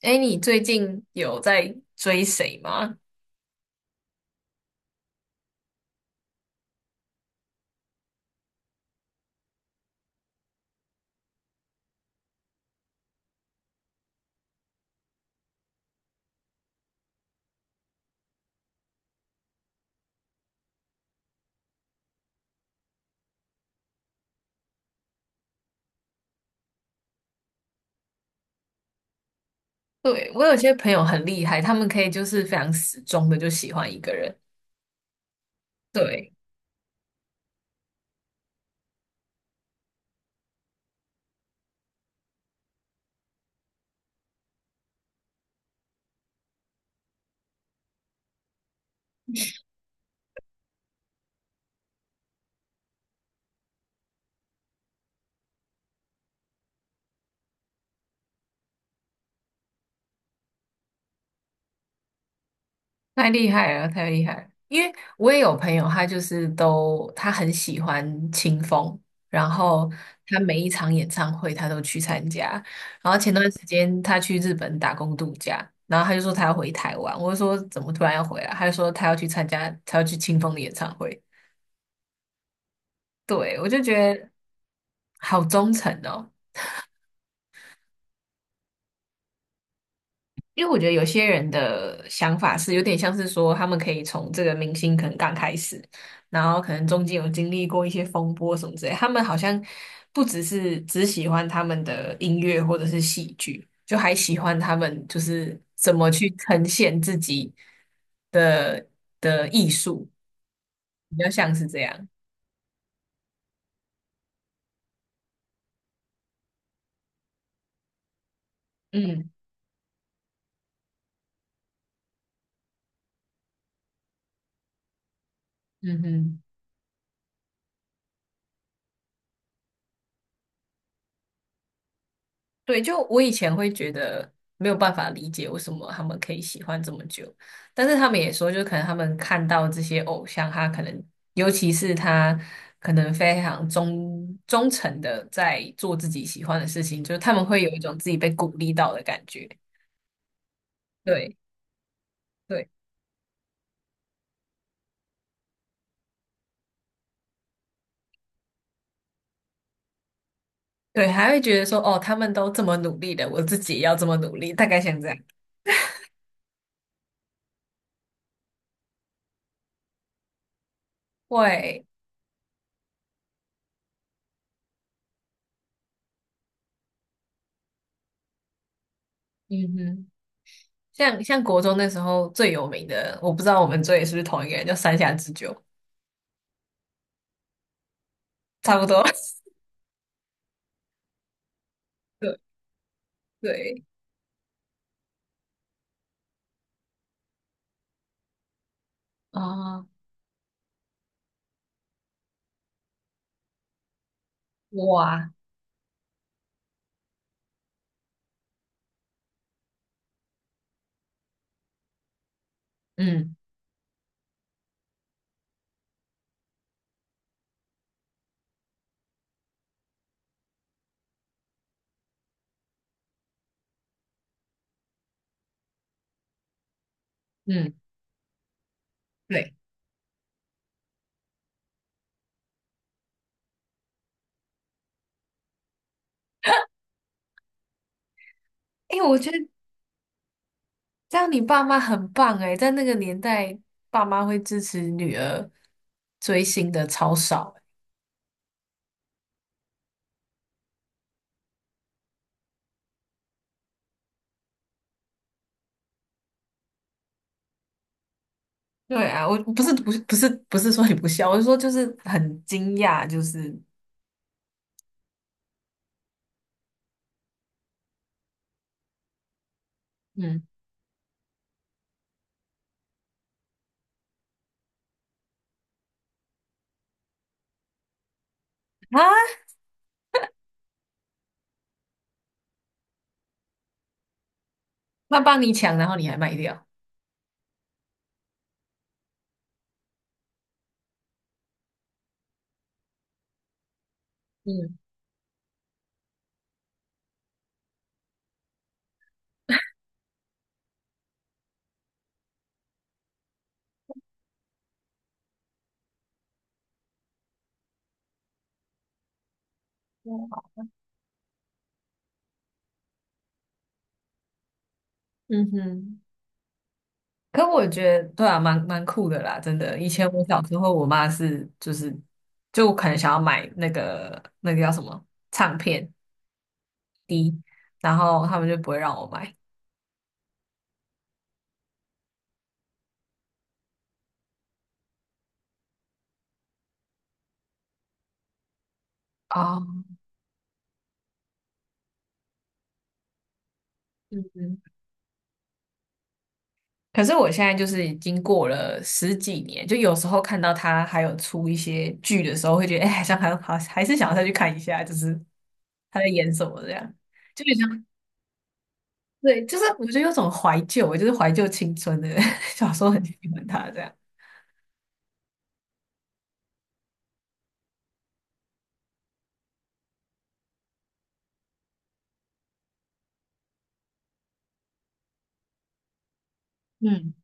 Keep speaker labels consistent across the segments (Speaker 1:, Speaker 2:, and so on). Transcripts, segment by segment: Speaker 1: 哎，你最近有在追谁吗？对，我有些朋友很厉害，他们可以就是非常死忠的就喜欢一个人，对，太厉害了，太厉害了。因为我也有朋友，他就是都他很喜欢清风，然后他每一场演唱会他都去参加。然后前段时间他去日本打工度假，然后他就说他要回台湾，我就说怎么突然要回来？他就说他要去参加，他要去清风的演唱会。对，我就觉得好忠诚哦。因为我觉得有些人的想法是有点像是说，他们可以从这个明星可能刚开始，然后可能中间有经历过一些风波什么之类，他们好像不只是只喜欢他们的音乐或者是戏剧，就还喜欢他们就是怎么去呈现自己的的艺术，比较像是这样。嗯嗯哼。对，就我以前会觉得没有办法理解为什么他们可以喜欢这么久，但是他们也说，就可能他们看到这些偶像，他可能尤其是他可能非常忠诚的在做自己喜欢的事情，就是他们会有一种自己被鼓励到的感觉。对对对，还会觉得说，哦，他们都这么努力的，我自己也要这么努力，大概像这样。会，嗯哼，像国中那时候最有名的，我不知道我们追的是不是同一个人，叫山下智久，差不多。对对哦，哇，嗯嗯，对，哎，我觉得这样你爸妈很棒哎，在那个年代，爸妈会支持女儿追星的超少诶。对啊，我不是说你不孝，我是说就是很惊讶，就是嗯啊，那帮你抢，然后你还卖掉，嗯嗯哼。可我觉得对啊，蛮酷的啦，真的。以前我小时候，我妈是就是就我可能想要买那个叫什么唱片，然后他们就不会让我买。哦，嗯嗯。可是我现在就是已经过了十几年，就有时候看到他还有出一些剧的时候，会觉得哎，好像还好，还是想要再去看一下，就是他在演什么这样，就有像对，就是我觉得有种怀旧，就是怀旧青春的，小时候很喜欢他这样。嗯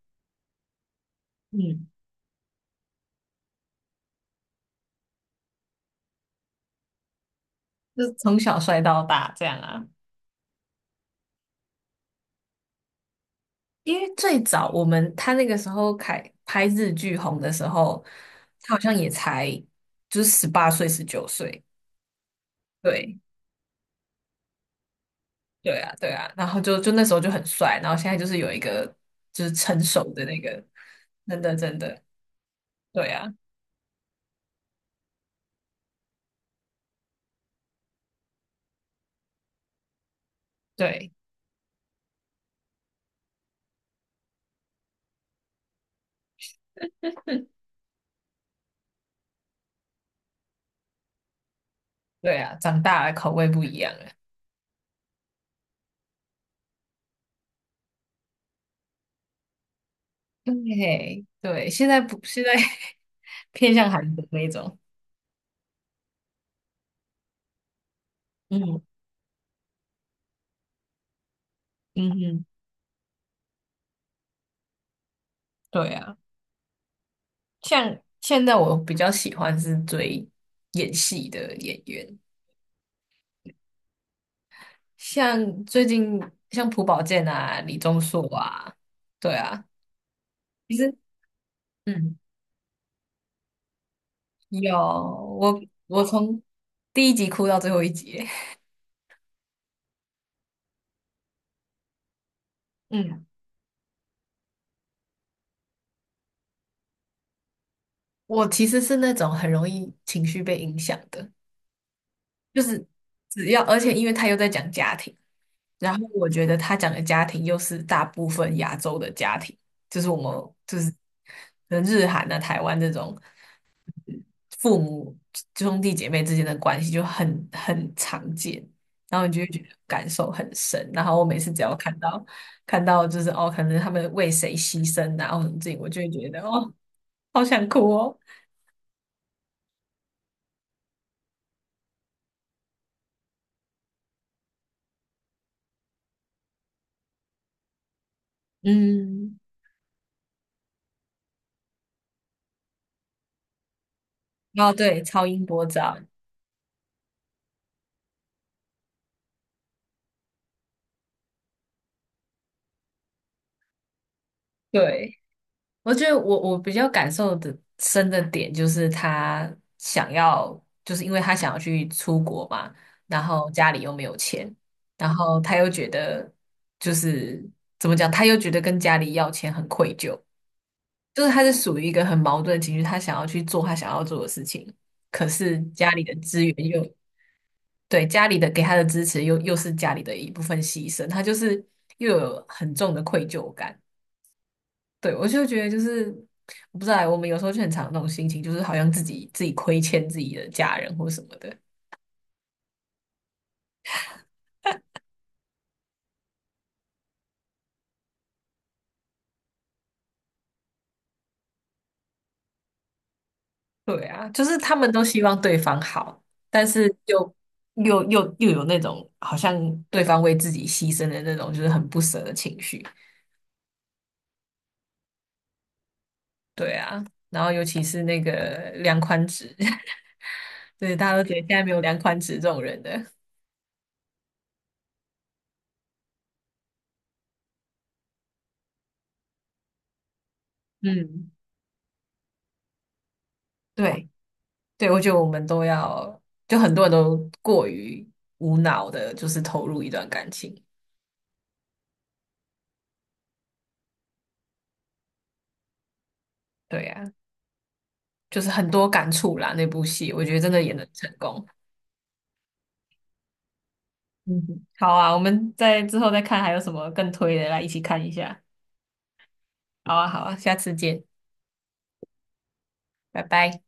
Speaker 1: 嗯。就从小帅到大这样啊。因为最早我们他那个时候开拍日剧红的时候，他好像也才就是18岁、19岁，对对啊，对啊。然后就那时候就很帅，然后现在就是有一个就是成熟的那个，真的真的，对啊，对对啊，长大了口味不一样了。对对，现在不现在 偏向韩国那种，嗯嗯嗯，对啊。像现在我比较喜欢是追演戏的演员，像最近像朴宝剑啊、李钟硕啊，对啊，其实嗯，有我我从第一集哭到最后一集，嗯，我其实是那种很容易情绪被影响的，就是只要而且因为他又在讲家庭，然后我觉得他讲的家庭又是大部分亚洲的家庭，就是我们就是可能日韩啊、台湾这种。父母兄弟姐妹之间的关系就很常见，然后你就会觉得感受很深。然后我每次只要看到就是哦，可能他们为谁牺牲啊，或者这，我就会觉得哦，好想哭哦。嗯，哦，对，超音波照，对。我觉得我比较感受的深的点就是他想要，就是因为他想要去出国嘛，然后家里又没有钱，然后他又觉得就是怎么讲，他又觉得跟家里要钱很愧疚，就是他是属于一个很矛盾的情绪，他想要去做他想要做的事情，可是家里的资源又对家里的给他的支持又是家里的一部分牺牲，他就是又有很重的愧疚感。对，我就觉得就是，我不知道，我们有时候就很常有那种心情，就是好像自己亏欠自己的家人或什么的。对啊，就是他们都希望对方好，但是又有那种好像对方为自己牺牲的那种，就是很不舍的情绪。对啊，然后尤其是那个梁宽直，对，大家都觉得现在没有梁宽直这种人的。嗯，对对，我觉得我们都要，就很多人都过于无脑的，就是投入一段感情。对呀、就是很多感触啦。那部戏我觉得真的演得的成功。嗯哼，好啊，我们在之后再看还有什么更推的，来一起看一下。好啊，好啊，下次见，拜拜。